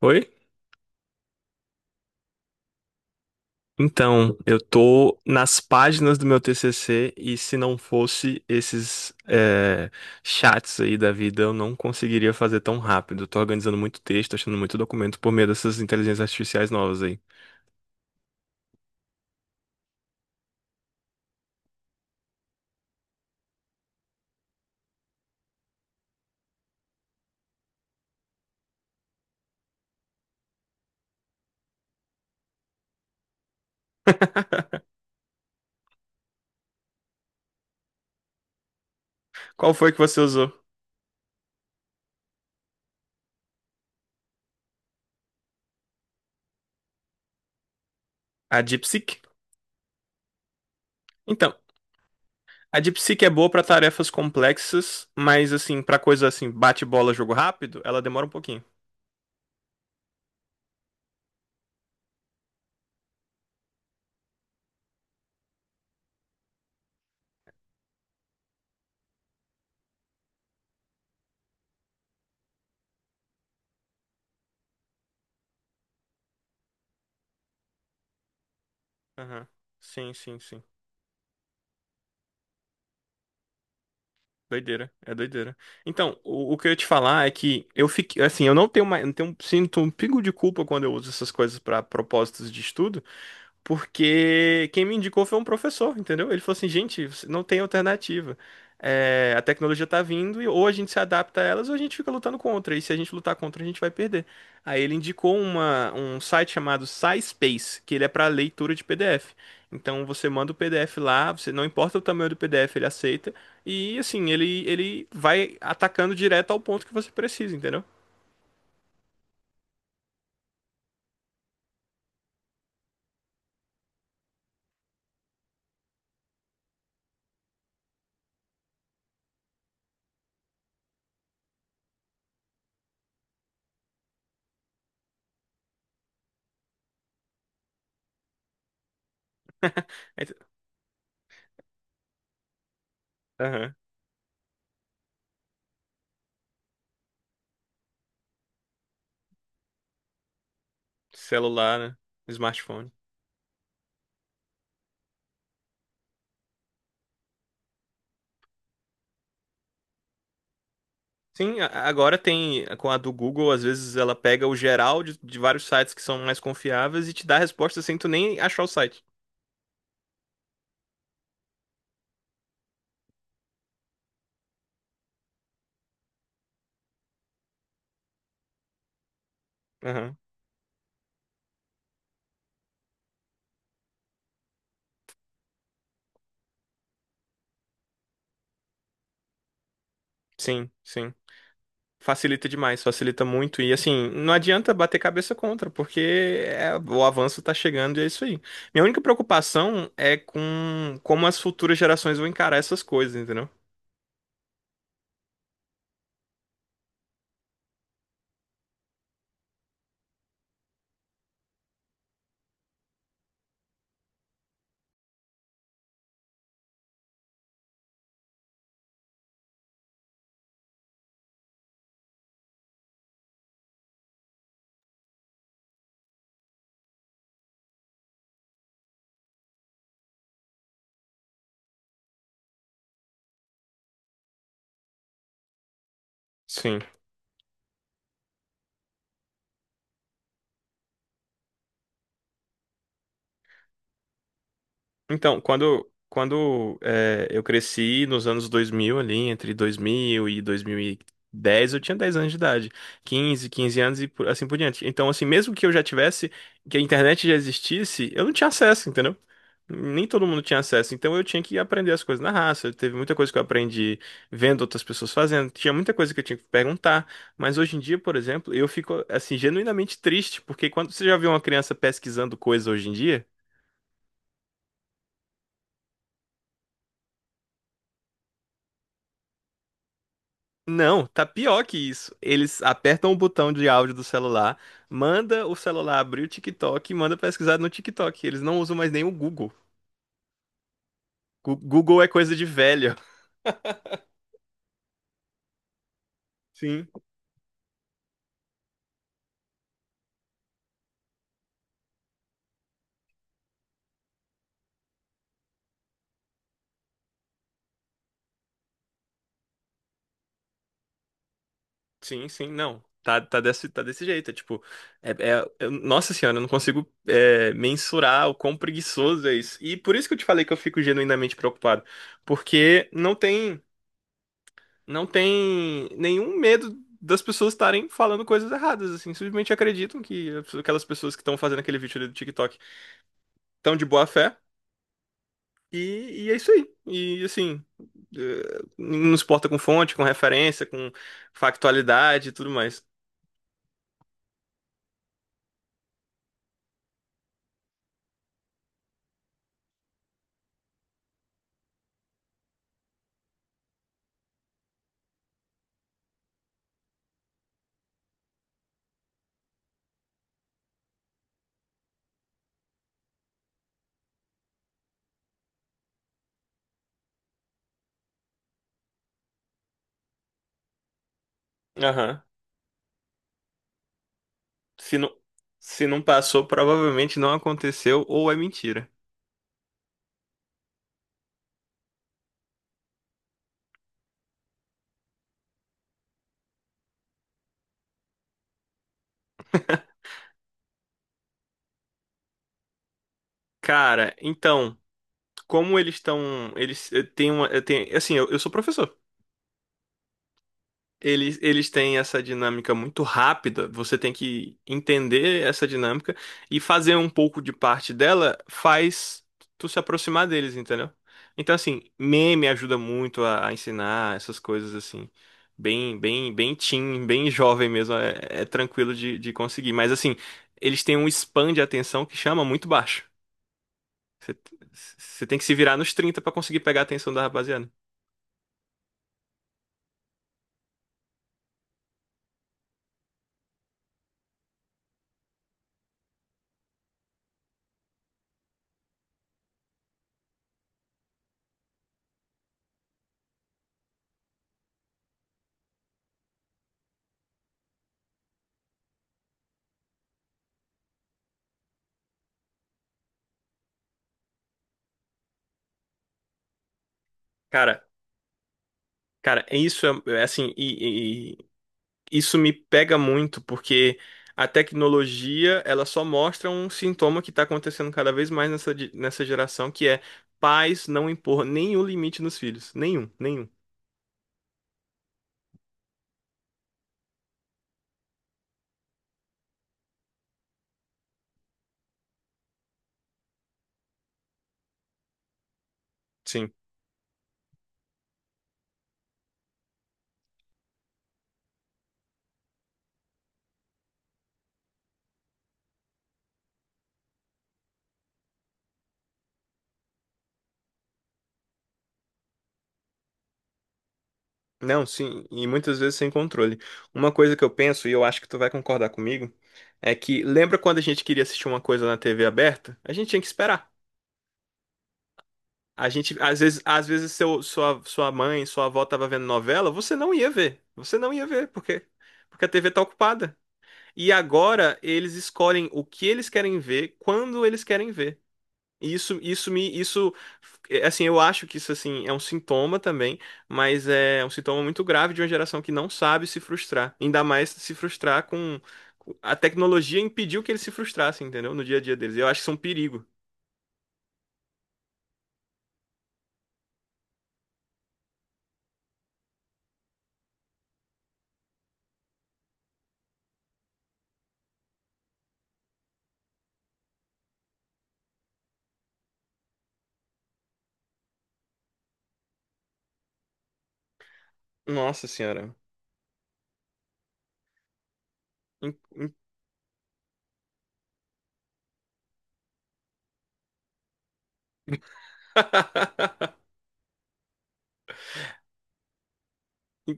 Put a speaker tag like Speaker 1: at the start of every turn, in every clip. Speaker 1: Oi? Então, eu tô nas páginas do meu TCC e se não fosse esses chats aí da vida, eu não conseguiria fazer tão rápido. Tô organizando muito texto, achando muito documento por meio dessas inteligências artificiais novas aí. Qual foi que você usou? A DeepSeek? Então, a DeepSeek é boa pra tarefas complexas, mas assim, pra coisa assim, bate-bola, jogo rápido, ela demora um pouquinho. Aham. Sim, sim, sim. Doideira, é doideira. Então, o que eu ia te falar é que eu fiquei, assim, eu não tenho mais, não tenho, sinto um pingo de culpa quando eu uso essas coisas para propósitos de estudo, porque quem me indicou foi um professor, entendeu? Ele falou assim, gente, você não tem alternativa. É, a tecnologia tá vindo e ou a gente se adapta a elas ou a gente fica lutando contra. E se a gente lutar contra, a gente vai perder. Aí ele indicou um site chamado SciSpace, que ele é para leitura de PDF. Então você manda o PDF lá, você não importa o tamanho do PDF, ele aceita. E assim, ele vai atacando direto ao ponto que você precisa, entendeu? Aham. Celular, né? Smartphone. Sim, agora tem, com a do Google, às vezes ela pega o geral de vários sites que são mais confiáveis e te dá a resposta sem tu nem achar o site. Aham. Sim, sim. Facilita demais, facilita muito. E assim, não adianta bater cabeça contra, porque o avanço tá chegando e é isso aí. Minha única preocupação é com como as futuras gerações vão encarar essas coisas, entendeu? Sim. Então, quando eu cresci nos anos 2000 ali, entre 2000 e 2010 eu tinha 10 anos de idade, 15 anos e assim por diante. Então, assim, mesmo que eu já tivesse, que a internet já existisse, eu não tinha acesso, entendeu? Nem todo mundo tinha acesso, então eu tinha que aprender as coisas na raça. Teve muita coisa que eu aprendi vendo outras pessoas fazendo, tinha muita coisa que eu tinha que perguntar, mas hoje em dia, por exemplo, eu fico assim genuinamente triste, porque quando você já vê uma criança pesquisando coisa hoje em dia. Não, tá pior que isso. Eles apertam o botão de áudio do celular, manda o celular abrir o TikTok e manda pesquisar no TikTok. Eles não usam mais nem o Google. Google é coisa de velho. Sim, sim, sim, não. Tá, tá desse jeito. É tipo, nossa senhora, eu não consigo, mensurar o quão preguiçoso é isso. E por isso que eu te falei que eu fico genuinamente preocupado. Porque não tem nenhum medo das pessoas estarem falando coisas erradas, assim. Simplesmente acreditam que aquelas pessoas que estão fazendo aquele vídeo ali do TikTok estão de boa fé. E é isso aí. E assim, não se importa com fonte, com referência, com factualidade e tudo mais. Aham. Se não, se não passou, provavelmente não aconteceu ou é mentira. Cara, então, como eles estão. Eles eh, têm uma. Eh, Tem, assim, eu sou professor. Eles têm essa dinâmica muito rápida, você tem que entender essa dinâmica e fazer um pouco de parte dela faz tu se aproximar deles, entendeu? Então, assim, meme ajuda muito a ensinar essas coisas, assim, bem, bem, bem teen, bem jovem mesmo, é tranquilo de conseguir. Mas, assim, eles têm um span de atenção que chama muito baixo. Você Você tem que se virar nos 30 pra conseguir pegar a atenção da rapaziada. Cara, cara, é assim, isso me pega muito, porque a tecnologia, ela só mostra um sintoma que está acontecendo cada vez mais nessa geração, que é pais não impor nenhum limite nos filhos. Nenhum, nenhum. Sim. Não, sim, e muitas vezes sem controle. Uma coisa que eu penso, e eu acho que tu vai concordar comigo, é que lembra quando a gente queria assistir uma coisa na TV aberta? A gente tinha que esperar. A gente, às vezes sua mãe, sua avó tava vendo novela, você não ia ver. Você não ia ver, porque a TV tá ocupada. E agora eles escolhem o que eles querem ver, quando eles querem ver. E Isso, isso me, isso, é, assim, eu acho que isso assim é um sintoma também, mas é um sintoma muito grave de uma geração que não sabe se frustrar, ainda mais se frustrar a tecnologia impediu que eles se frustrassem, entendeu? No dia a dia deles. Eu acho que isso é um perigo. Nossa senhora. Em- em-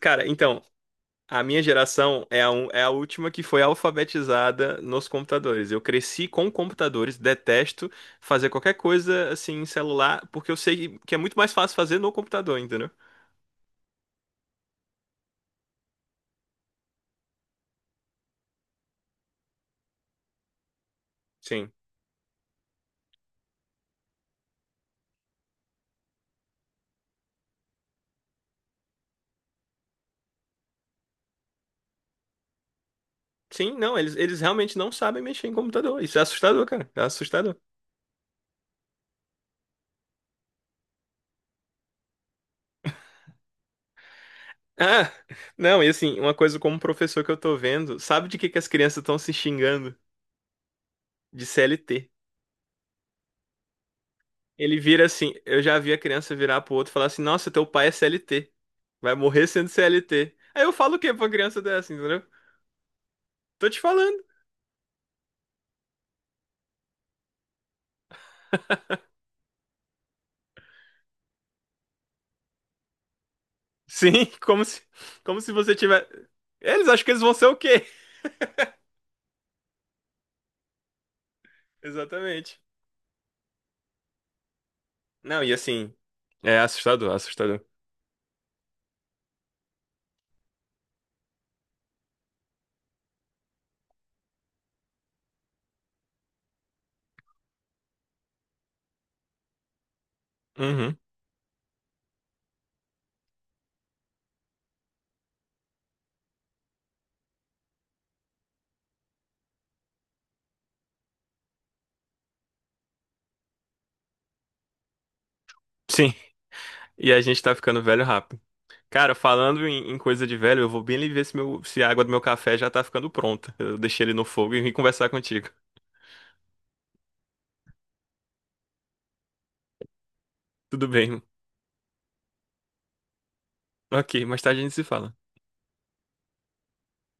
Speaker 1: Cara, então, a minha geração é é a última que foi alfabetizada nos computadores. Eu cresci com computadores, detesto fazer qualquer coisa assim em celular, porque eu sei que é muito mais fácil fazer no computador, entendeu? Sim. Sim, não, eles realmente não sabem mexer em computador. Isso é assustador, cara. É assustador. Ah, não, e assim, uma coisa como professor que eu tô vendo, sabe de que as crianças estão se xingando? De CLT. Ele vira assim, eu já vi a criança virar pro outro e falar assim, nossa, teu pai é CLT. Vai morrer sendo CLT. Aí eu falo o quê pra uma criança dessa, entendeu? Tô te falando. Sim, como se, você tiver. Eles acham que eles vão ser o quê? Exatamente. Não, e assim, é assustador, assustador. Uhum. Sim. E a gente tá ficando velho rápido. Cara, falando em coisa de velho, eu vou bem ali ver se, meu, se a água do meu café já tá ficando pronta. Eu deixei ele no fogo e vim conversar contigo. Tudo bem. Ok, mais tarde a gente se fala.